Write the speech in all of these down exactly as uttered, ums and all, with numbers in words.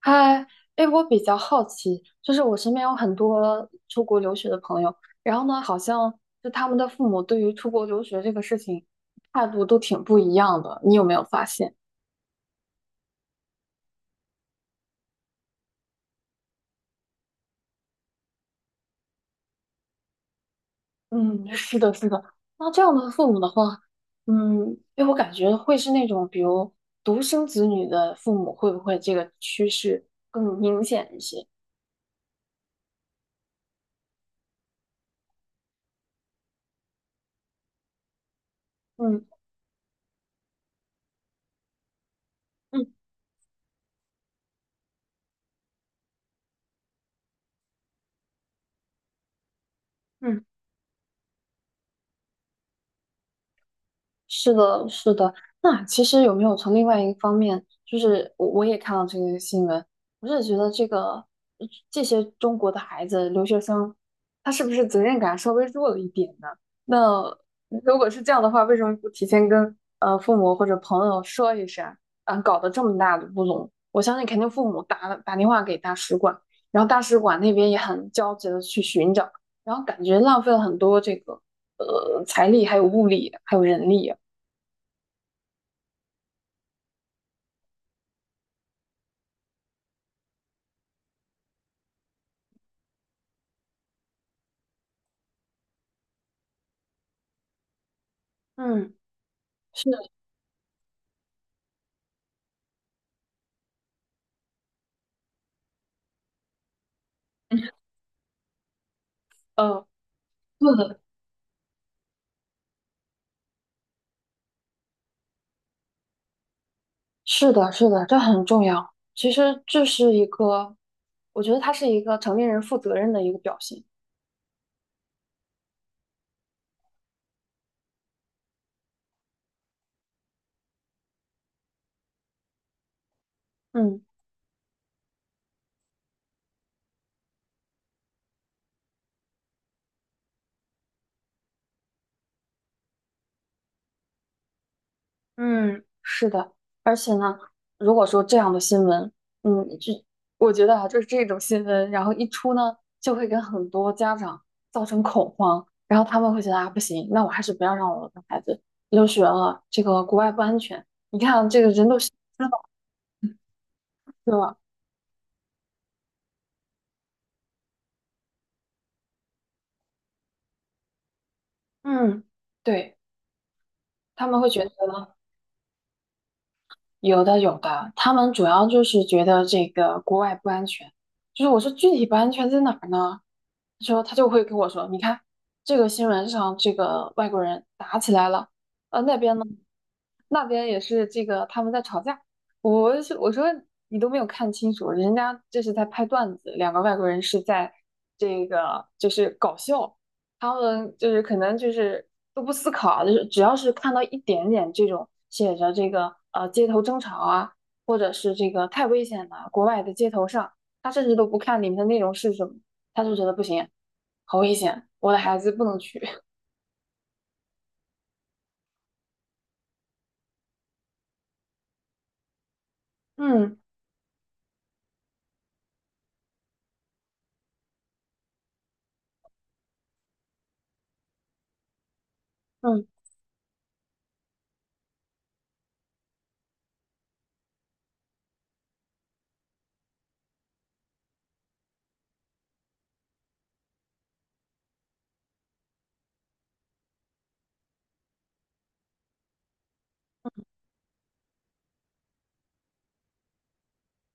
嗨，哎，我比较好奇，就是我身边有很多出国留学的朋友，然后呢，好像就他们的父母对于出国留学这个事情态度都挺不一样的，你有没有发现？嗯，是的，是的。那这样的父母的话，嗯，哎，我感觉会是那种比如独生子女的父母，会不会这个趋势更明显一些？嗯嗯嗯。是的，是的。那其实有没有从另外一个方面，就是我我也看到这个新闻，我是觉得这个呃这些中国的孩子留学生，他是不是责任感稍微弱了一点呢？那如果是这样的话，为什么不提前跟呃父母或者朋友说一声？啊，搞得这么大的乌龙，我相信肯定父母打了打电话给大使馆，然后大使馆那边也很焦急的去寻找，然后感觉浪费了很多这个呃财力，还有物力，还有人力。嗯，是，呃，对的，是的，是的，这很重要。其实这是一个，我觉得他是一个成年人负责任的一个表现。嗯嗯，是的。而且呢，如果说这样的新闻，嗯，这我觉得啊，就是这种新闻，然后一出呢，就会跟很多家长造成恐慌，然后他们会觉得啊，不行，那我还是不要让我的孩子留学了，这个国外不安全。你看啊，这个人都消了，对吧？嗯，对。他们会觉得有的有的，他们主要就是觉得这个国外不安全，就是我说具体不安全在哪儿呢？他说他就会跟我说，你看这个新闻上这个外国人打起来了，呃那边呢那边也是这个他们在吵架，我是我说你都没有看清楚，人家这是在拍段子，两个外国人是在这个就是搞笑，他们就是可能就是都不思考啊，就是只要是看到一点点这种写着这个呃街头争吵啊，或者是这个太危险了，国外的街头上，他甚至都不看里面的内容是什么。他就觉得不行，好危险，我的孩子不能去。嗯嗯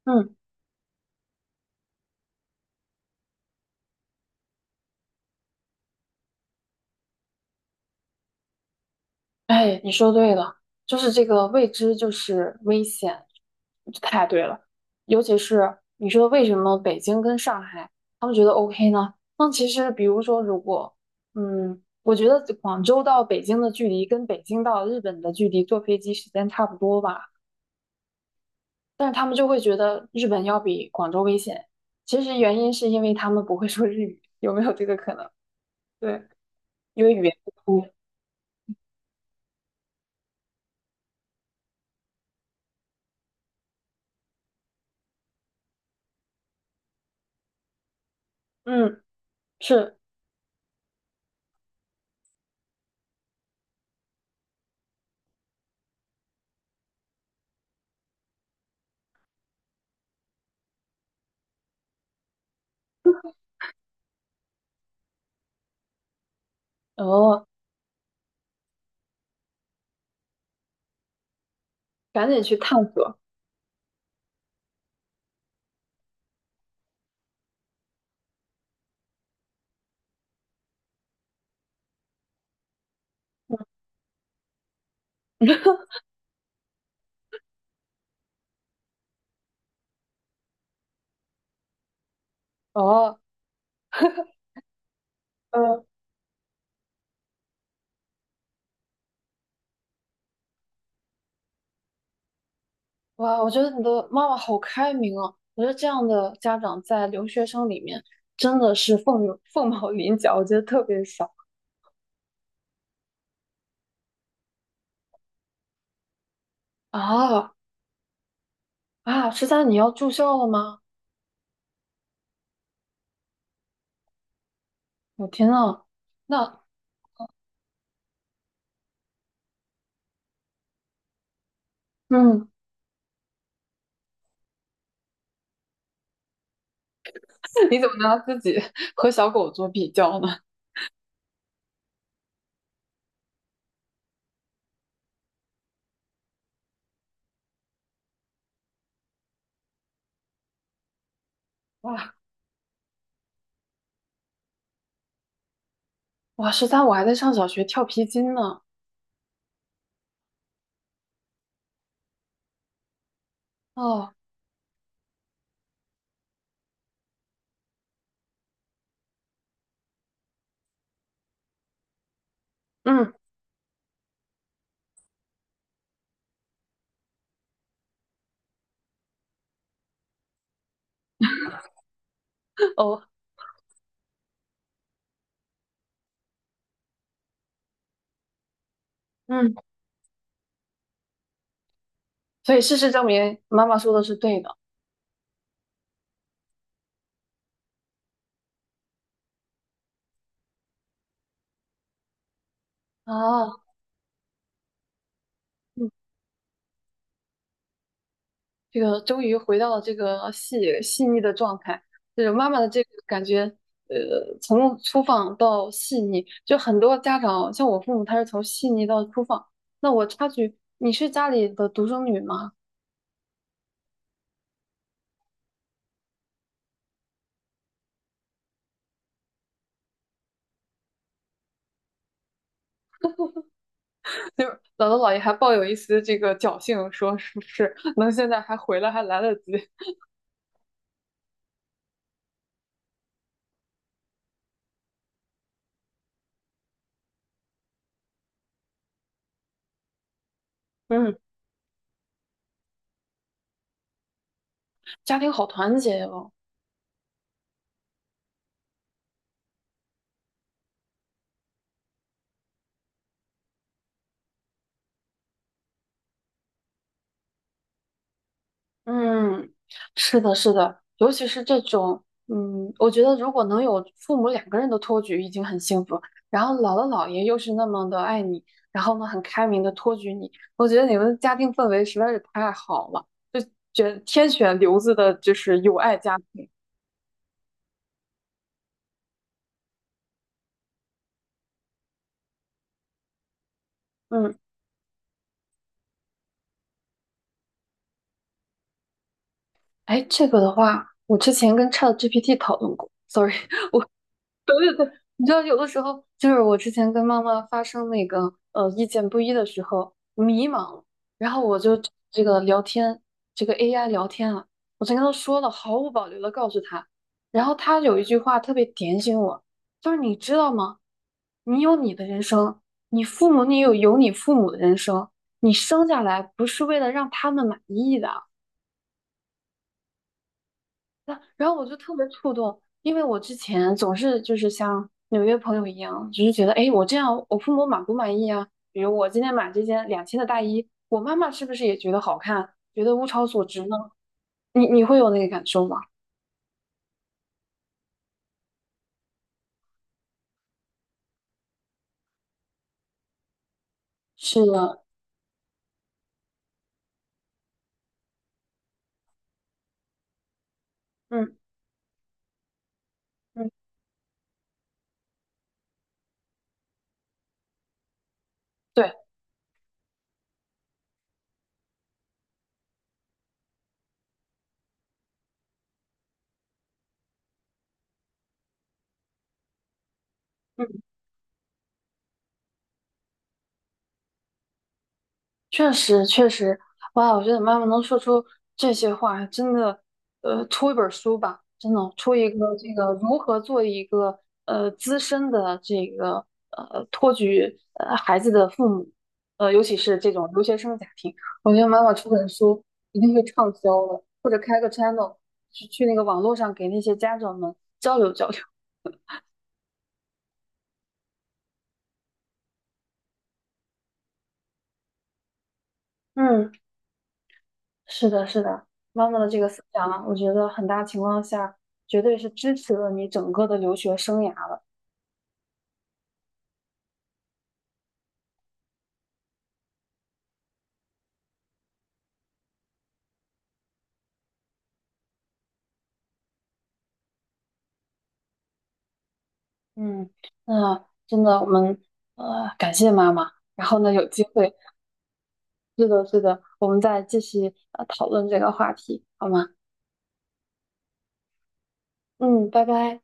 嗯，哎，你说对了，就是这个未知就是危险，太对了。尤其是你说为什么北京跟上海他们觉得 OK 呢？那其实比如说，如果嗯，我觉得广州到北京的距离跟北京到日本的距离坐飞机时间差不多吧，但是他们就会觉得日本要比广州危险。其实原因是因为他们不会说日语，有没有这个可能？对。因为语言不通。嗯，是，哦，赶紧去探索。哦，嗯，哇，我觉得你的妈妈好开明啊！我觉得这样的家长在留学生里面真的是凤凤毛麟角，我觉得特别少啊。啊！十三，你要住校了吗？我天呐，那嗯，你怎么拿自己 和小狗做比较呢？哇哇，十三，我还在上小学跳皮筋呢。哦，嗯，哦，嗯，所以事实证明，妈妈说的是对的。啊，嗯这个终于回到了这个细细腻的状态，就是妈妈的这个感觉，呃，从粗放到细腻，就很多家长像我父母，他是从细腻到粗放。那我插句，你是家里的独生女吗？就是姥姥姥爷还抱有一丝这个侥幸，说是不是能现在还回来还来得及？嗯，家庭好团结呀，嗯，是的，是的，尤其是这种，嗯，我觉得如果能有父母两个人的托举已经很幸福，然后姥姥姥爷又是那么的爱你，然后呢很开明的托举你，我觉得你们的家庭氛围实在是太好了，就觉得天选留子的就是有爱家庭。嗯，哎，这个的话，我之前跟 ChatGPT 讨论过，sorry。对对对，你知道有的时候就是我之前跟妈妈发生那个呃意见不一的时候迷茫，然后我就这个聊天，这个 A I 聊天啊，我就跟她说了，毫无保留的告诉她，然后她有一句话特别点醒我，就是你知道吗？你有你的人生，你父母你有有你父母的人生，你生下来不是为了让他们满意的，那然后我就特别触动，因为我之前总是就是像纽约朋友一样，只是觉得，哎，我这样我父母满不满意啊？比如我今天买这件两千的大衣，我妈妈是不是也觉得好看，觉得物超所值呢？你你会有那个感受吗？是的，嗯嗯，对，嗯。确实，确实，哇！我觉得妈妈能说出这些话，真的，呃，出一本书吧，真的出一个这个如何做一个呃资深的这个呃托举呃孩子的父母，呃，尤其是这种留学生家庭，我觉得妈妈出本书一定会畅销的，或者开个 channel 去去那个网络上给那些家长们交流交流。嗯。是的，是的，妈妈的这个思想啊，我觉得很大情况下绝对是支持了你整个的留学生涯了。嗯，那真的我们呃感谢妈妈，然后呢有机会，是的，是的，我们再继续呃讨论这个话题，好吗？嗯，拜拜。